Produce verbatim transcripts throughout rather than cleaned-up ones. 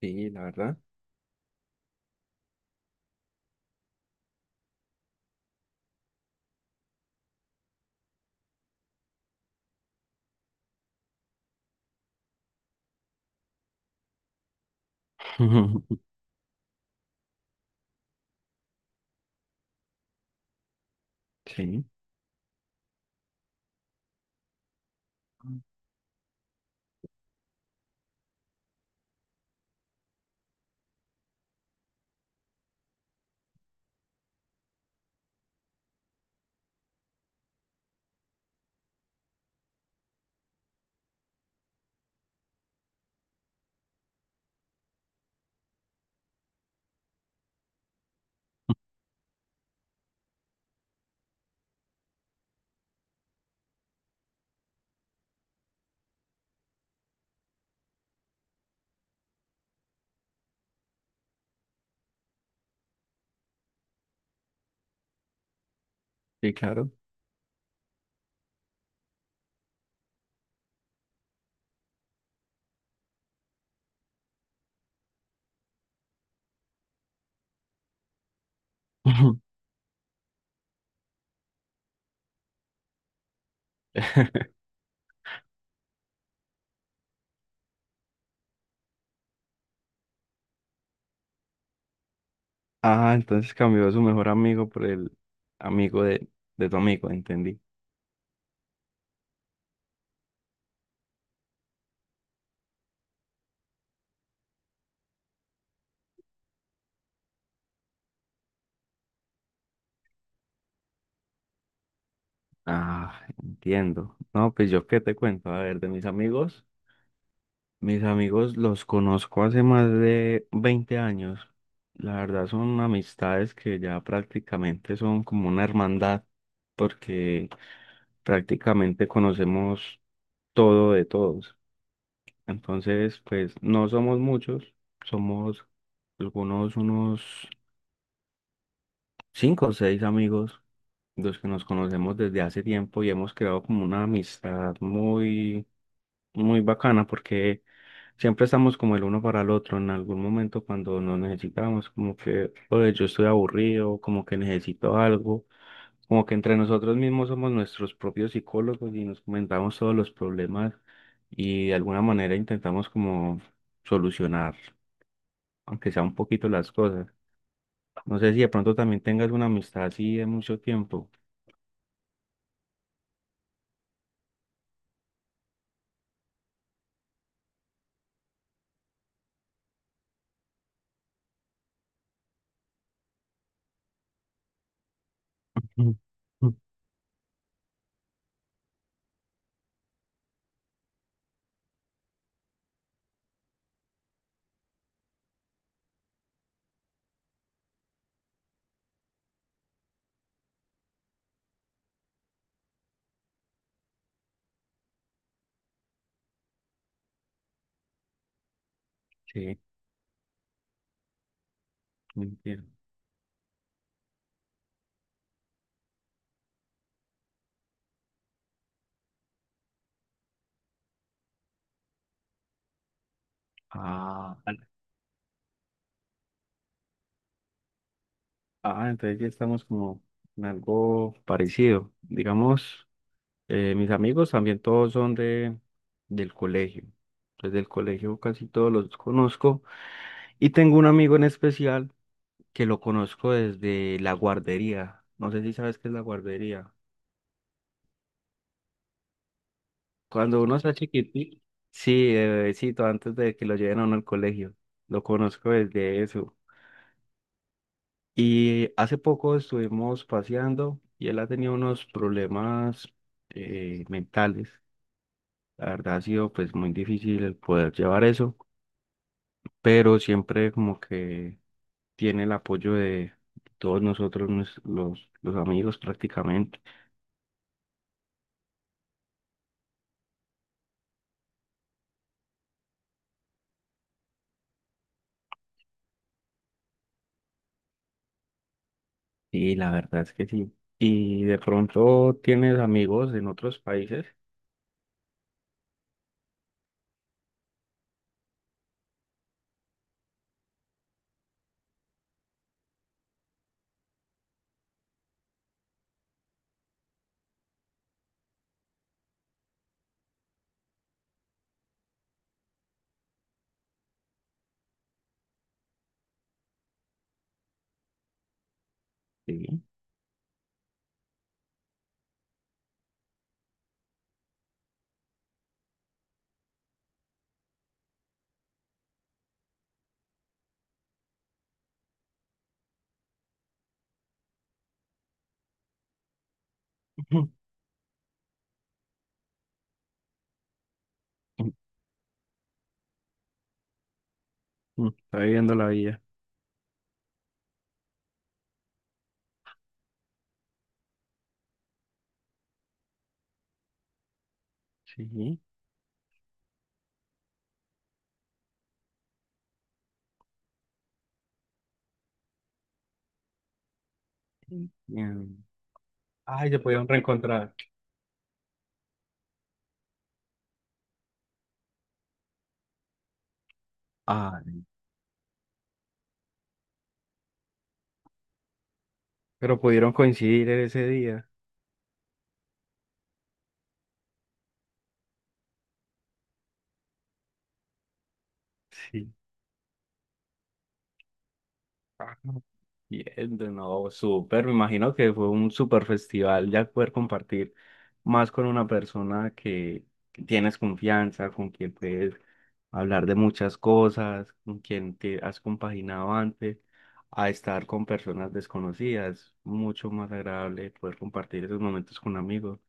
Sí, la verdad. Sí, sí, claro. Ah, entonces cambió a su mejor amigo por el amigo de, de tu amigo, entendí. Ah, entiendo. No, pues yo qué te cuento, a ver, de mis amigos. Mis amigos los conozco hace más de veinte años. La verdad son amistades que ya prácticamente son como una hermandad, porque prácticamente conocemos todo de todos. Entonces, pues no somos muchos, somos algunos unos cinco o seis amigos, los que nos conocemos desde hace tiempo y hemos creado como una amistad muy, muy bacana porque siempre estamos como el uno para el otro. En algún momento cuando nos necesitamos, como que, oye, yo estoy aburrido, como que necesito algo, como que entre nosotros mismos somos nuestros propios psicólogos y nos comentamos todos los problemas y de alguna manera intentamos como solucionar aunque sea un poquito las cosas. No sé si de pronto también tengas una amistad así de mucho tiempo. Ujú, ujú. Sí, entiendo. Ah, vale. Ah, entonces ya estamos como en algo parecido. Digamos, eh, mis amigos también todos son de del colegio. Entonces del colegio casi todos los conozco. Y tengo un amigo en especial que lo conozco desde la guardería. No sé si sabes qué es la guardería. Cuando uno está chiquitito, sí, de bebecito, antes de que lo lleven a uno al colegio. Lo conozco desde eso. Y hace poco estuvimos paseando y él ha tenido unos problemas eh, mentales. La verdad ha sido pues muy difícil el poder llevar eso, pero siempre como que tiene el apoyo de todos nosotros, nos- los, los amigos prácticamente. Y la verdad es que sí. Y de pronto tienes amigos en otros países. Sí. Mm, Está viviendo la vida. Sí. Bien. Ay, se pudieron reencontrar. Ah, pero pudieron coincidir en ese día. Sí. Ah, bien, de nuevo, súper. Me imagino que fue un súper festival ya poder compartir más con una persona que, que tienes confianza, con quien puedes hablar de muchas cosas, con quien te has compaginado antes, a estar con personas desconocidas. Mucho más agradable poder compartir esos momentos con amigos.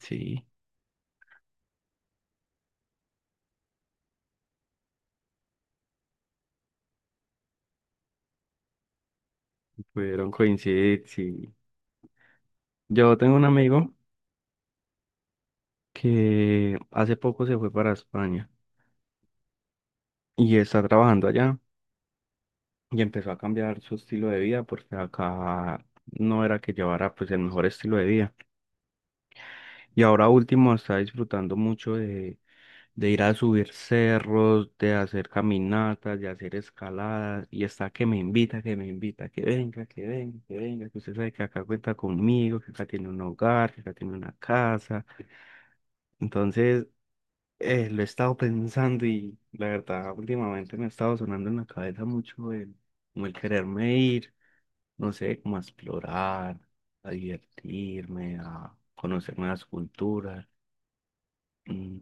Sí. Pudieron coincidir, sí. Yo tengo un amigo que hace poco se fue para España y está trabajando allá y empezó a cambiar su estilo de vida porque acá no era que llevara pues el mejor estilo de vida. Y ahora último está disfrutando mucho de, de ir a subir cerros, de hacer caminatas, de hacer escaladas y está que me invita, que me invita, que venga, que venga, que venga, que usted sabe que acá cuenta conmigo, que acá tiene un hogar, que acá tiene una casa. Entonces... Eh, lo he estado pensando y la verdad últimamente me ha estado sonando en la cabeza mucho el, como el quererme ir, no sé, como a explorar, a divertirme, a conocer nuevas culturas. Mm,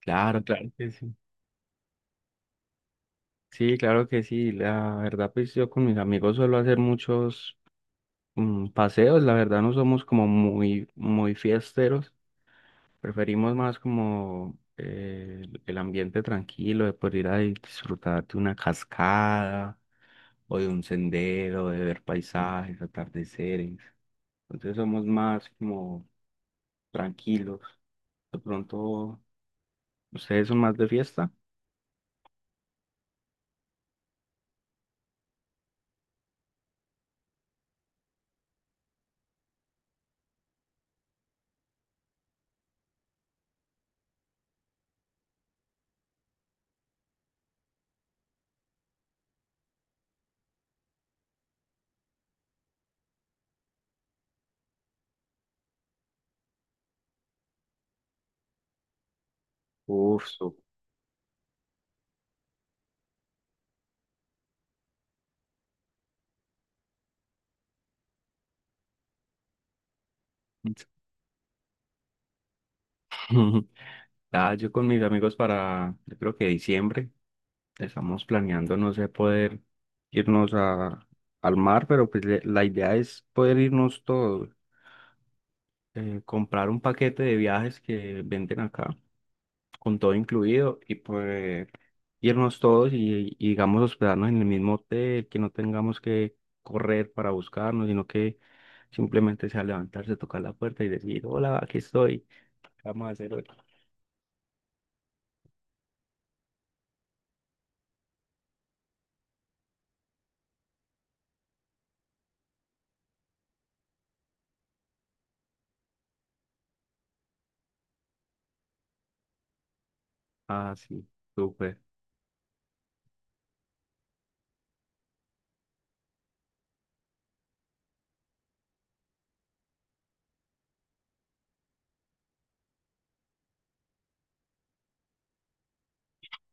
claro, claro que sí. Sí, claro que sí. La verdad, pues yo con mis amigos suelo hacer muchos mm, paseos. La verdad no somos como muy, muy fiesteros. Preferimos más como eh, el el ambiente tranquilo de poder ir a disfrutar de una cascada o de un sendero, de ver paisajes, atardeceres. Entonces somos más como tranquilos. De pronto, ¿ustedes son más de fiesta? Uf, su- Ah, yo con mis amigos para, yo creo que diciembre, estamos planeando, no sé, poder irnos a, al mar, pero pues le- la idea es poder irnos todos, eh, comprar un paquete de viajes que venden acá con todo incluido y pues irnos todos y, y, digamos hospedarnos en el mismo hotel, que no tengamos que correr para buscarnos, sino que simplemente sea levantarse, tocar la puerta y decir, hola, aquí estoy, ¿qué vamos a hacer hoy? Ah, sí, súper.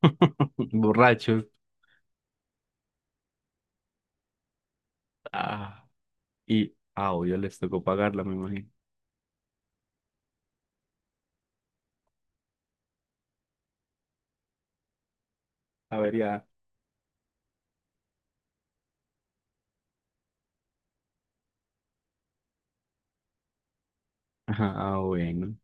Borrachos. Ah, y, ah, obvio, les tocó pagarla, me imagino. A ver, ya. Ajá, ah, bueno.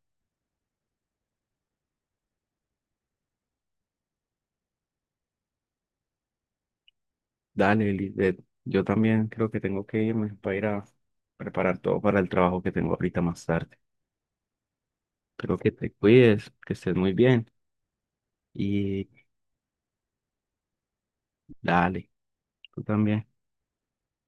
Dale, Lisbeth. Yo también creo que tengo que irme para ir a preparar todo para el trabajo que tengo ahorita más tarde. Espero que te cuides, que estés muy bien y dale, tú también.